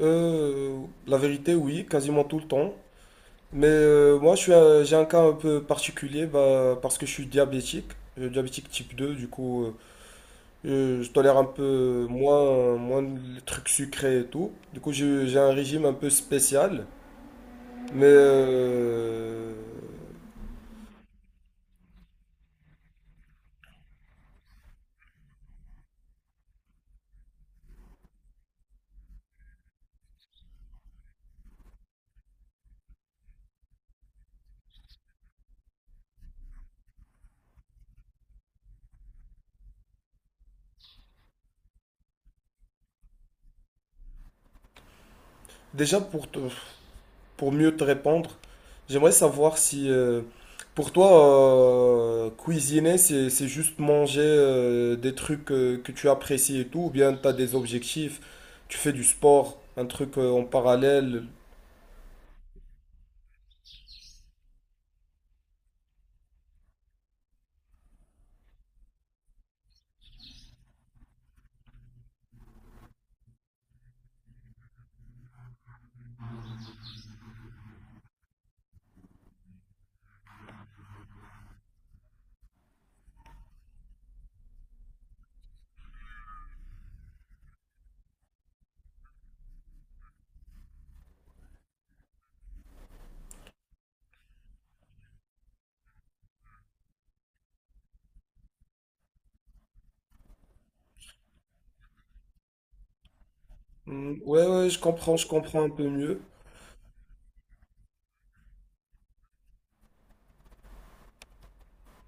La vérité, oui, quasiment tout le temps. Mais moi, je suis j'ai un cas un peu particulier, parce que je suis diabétique. Je suis diabétique type 2. Du coup, je tolère un peu moins les trucs sucrés et tout. Du coup, j'ai un régime un peu spécial. Mais déjà, pour mieux te répondre, j'aimerais savoir si pour toi, cuisiner, c'est juste manger des trucs que tu apprécies et tout, ou bien tu as des objectifs, tu fais du sport, un truc en parallèle. Hmm, ouais, ouais, je comprends un peu mieux.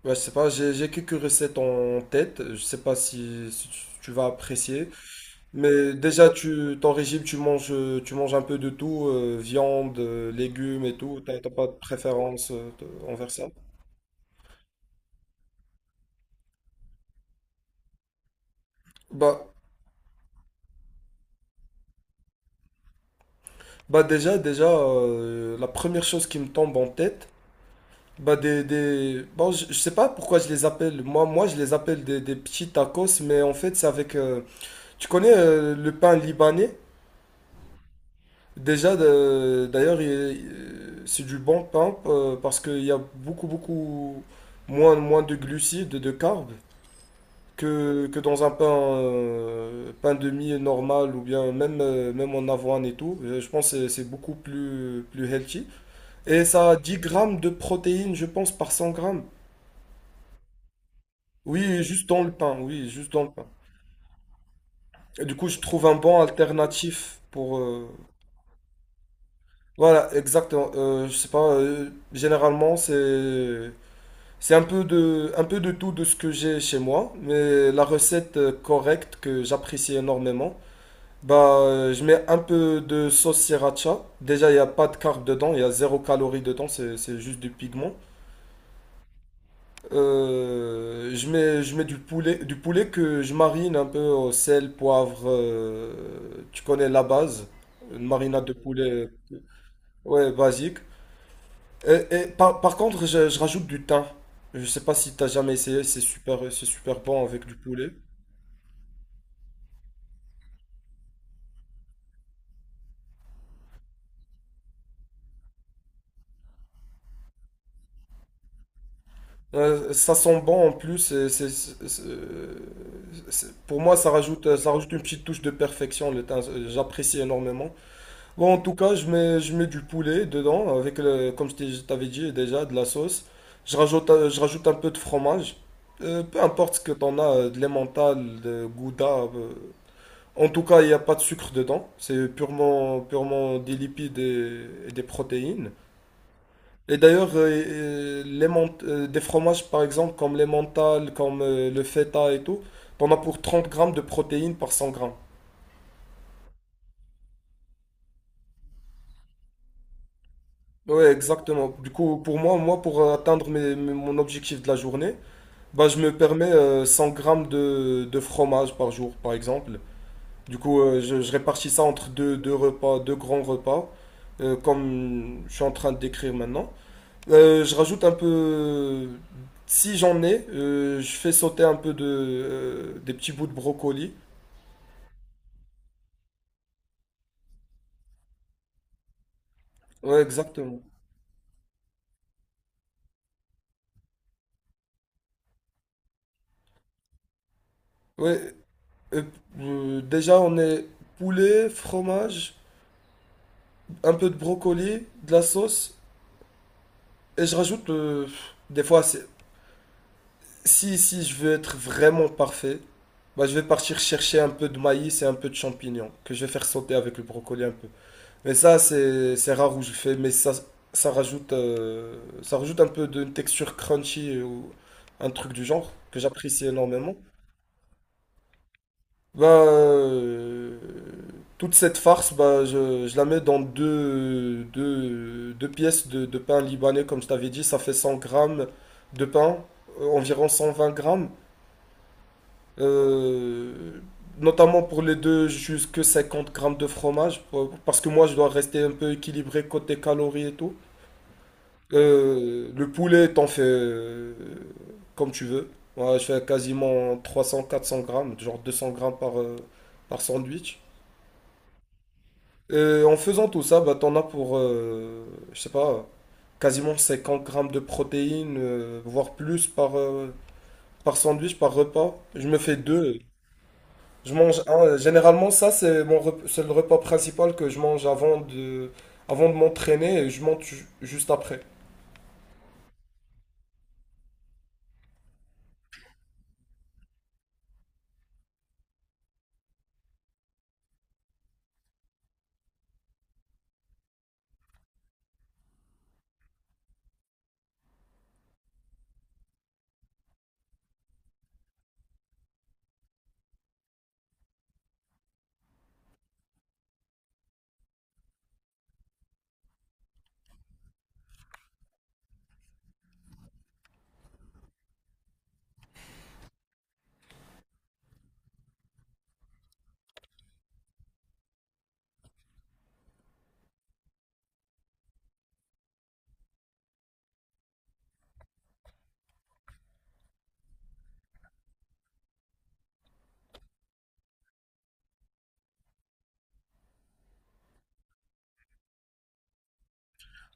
Ouais, je sais pas, j'ai quelques recettes en tête, je sais pas si tu vas apprécier. Mais déjà, ton régime, tu manges un peu de tout, viande, légumes et tout. T'as pas de préférence envers ça? Bah, bah, déjà, la première chose qui me tombe en tête, bon, je sais pas pourquoi je les appelle. Moi, je les appelle des petits tacos, mais en fait, c'est avec, tu connais le pain libanais? Déjà, d'ailleurs, c'est du bon pain, parce qu'il y a beaucoup moins de glucides, de carbs, que dans un pain, pain de mie normal ou bien même en avoine et tout. Je pense que c'est beaucoup plus healthy. Et ça a 10 grammes de protéines, je pense, par 100 grammes. Oui, juste dans le pain, oui, juste dans le pain. Et du coup, je trouve un bon alternatif pour. Voilà, exactement. Je sais pas, généralement. C'est un peu un peu de tout de ce que j'ai chez moi, mais la recette, correcte, que j'apprécie énormément. Bah, je mets un peu de sauce sriracha. Déjà, il n'y a pas de carbs dedans, il y a zéro calorie dedans, c'est juste du pigment. Je mets du poulet que je marine un peu au sel, poivre. Tu connais la base, une marinade de poulet, ouais, basique. Et par contre, je rajoute du thym. Je sais pas si t'as jamais essayé, c'est super bon avec du poulet. Ça sent bon en plus. Et pour moi, ça rajoute une petite touche de perfection. Le thym, j'apprécie énormément. Bon, en tout cas, je mets du poulet dedans avec, le, je t'avais dit déjà, de la sauce. Je rajoute un peu de fromage. Peu importe ce que t'en as, de l'emmental, de gouda. euh, En tout cas, il n'y a pas de sucre dedans. C'est purement, purement des lipides et des protéines. Et d'ailleurs, des fromages, par exemple, comme les mentales, comme le feta et tout, t'en as pour 30 grammes de protéines par 100 grammes. Ouais, exactement. Du coup, pour moi, pour atteindre mon objectif de la journée, bah, je me permets 100 grammes de fromage par jour, par exemple. Du coup, je répartis ça entre deux repas, deux grands repas, comme je suis en train de décrire maintenant. Je rajoute un peu, si j'en ai, je fais sauter un peu des petits bouts de brocoli. Ouais, exactement. Ouais, euh, déjà on est poulet, fromage, un peu de brocoli, de la sauce, et je rajoute, des fois, si je veux être vraiment parfait, bah je vais partir chercher un peu de maïs et un peu de champignons que je vais faire sauter avec le brocoli un peu. Mais ça, c'est rare où je fais, mais ça, ça rajoute un peu de texture crunchy, ou un truc du genre que j'apprécie énormément. Bah, euh, Toute cette farce, bah, je la mets dans deux pièces de pain libanais, comme je t'avais dit. Ça fait 100 grammes de pain, environ 120 grammes. Euh, Notamment pour les deux, jusque 50 grammes de fromage, parce que moi, je dois rester un peu équilibré côté calories et tout. Le poulet, t'en fais comme tu veux. Moi, je fais quasiment 300 400 grammes, genre 200 grammes par sandwich. Et en faisant tout ça, bah, t'en as je sais pas, quasiment 50 grammes de protéines, voire plus par sandwich, par repas. Je me fais deux. Je mange un. Généralement, ça, c'est le repas principal que je mange avant de m'entraîner, et je mange juste après.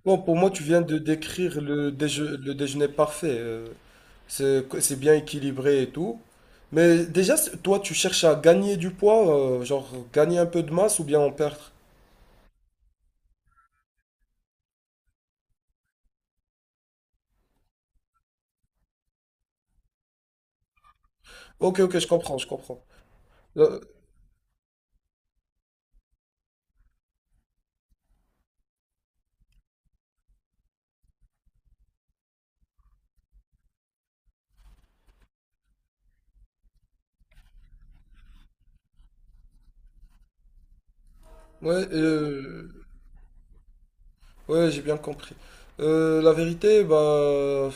Non, pour moi, tu viens de décrire le déjeuner parfait. C'est bien équilibré et tout. Mais déjà, toi, tu cherches à gagner du poids, genre gagner un peu de masse ou bien en perdre. Ok, ok, je comprends, je comprends. Euh, ouais, ouais, j'ai bien compris. Euh, la vérité, bah,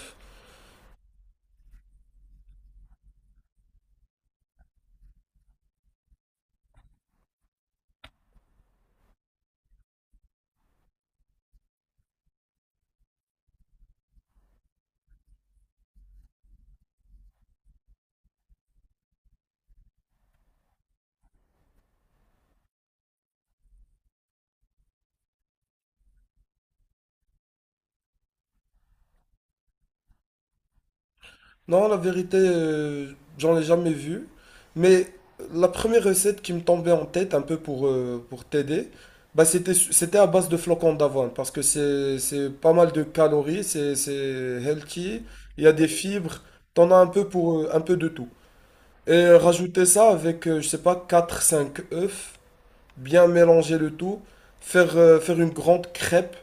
Non, la vérité, j'en ai jamais vu. Mais la première recette qui me tombait en tête, un peu pour t'aider, bah c'était à base de flocons d'avoine. Parce que c'est pas mal de calories, c'est healthy, il y a des fibres, t'en as un peu pour, un peu de tout. Et rajouter ça avec, je sais pas, quatre cinq œufs, bien mélanger le tout, faire une grande crêpe.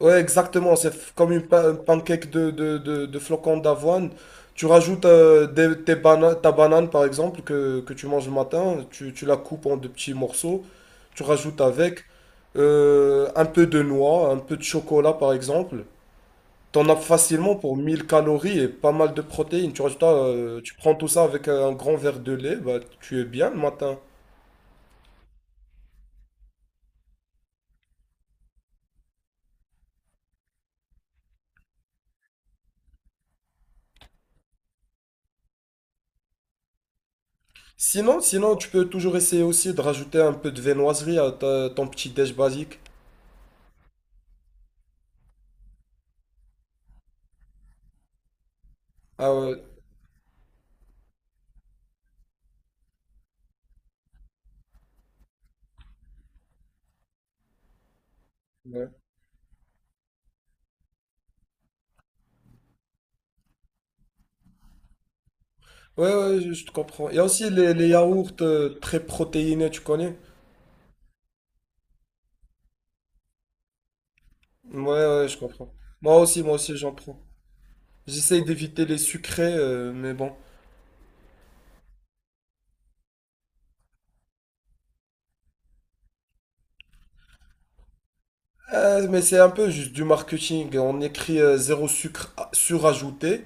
Ouais, exactement. Comme un pancake de flocons d'avoine. Tu rajoutes, ta banane, par exemple, que tu manges le matin. Tu la coupes en de petits morceaux. Tu rajoutes avec un peu de noix, un peu de chocolat, par exemple. T'en as facilement pour 1000 calories et pas mal de protéines. Tu prends tout ça avec, un grand verre de lait, bah, tu es bien le matin. Sinon, tu peux toujours essayer aussi de rajouter un peu de viennoiserie à ton petit déj basique. Ah ouais. Ouais, ouais, je te comprends. Il y a aussi les yaourts, très protéinés, tu connais? Ouais, ouais, je comprends. Moi aussi, j'en prends. J'essaye d'éviter les sucrés, mais bon. Mais c'est un peu juste du marketing. On écrit, zéro sucre surajouté,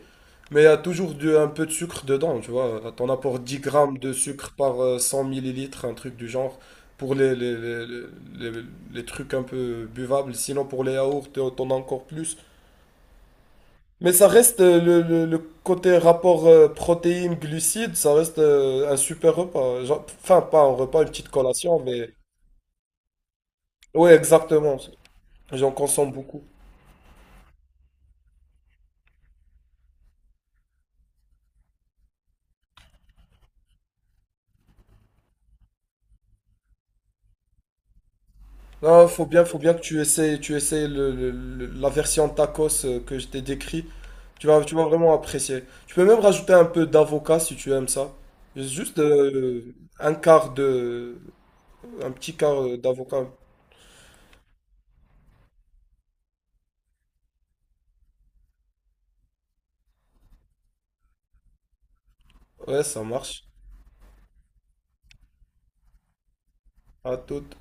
mais il y a toujours un peu de sucre dedans, tu vois. T'en as pour 10 grammes de sucre par, 100 millilitres, un truc du genre, pour les trucs un peu buvables. Sinon, pour les yaourts, t'en as encore plus. Mais ça reste, le côté rapport, protéines-glucides, ça reste, un super repas. Enfin, pas un repas, une petite collation. Ouais, exactement. J'en consomme beaucoup. Non, faut bien que tu essayes la version tacos, que je t'ai décrit. Tu vas vraiment apprécier. Tu peux même rajouter un peu d'avocat si tu aimes ça. Juste, un quart. Un petit quart, d'avocat. Ouais, ça marche. À toute.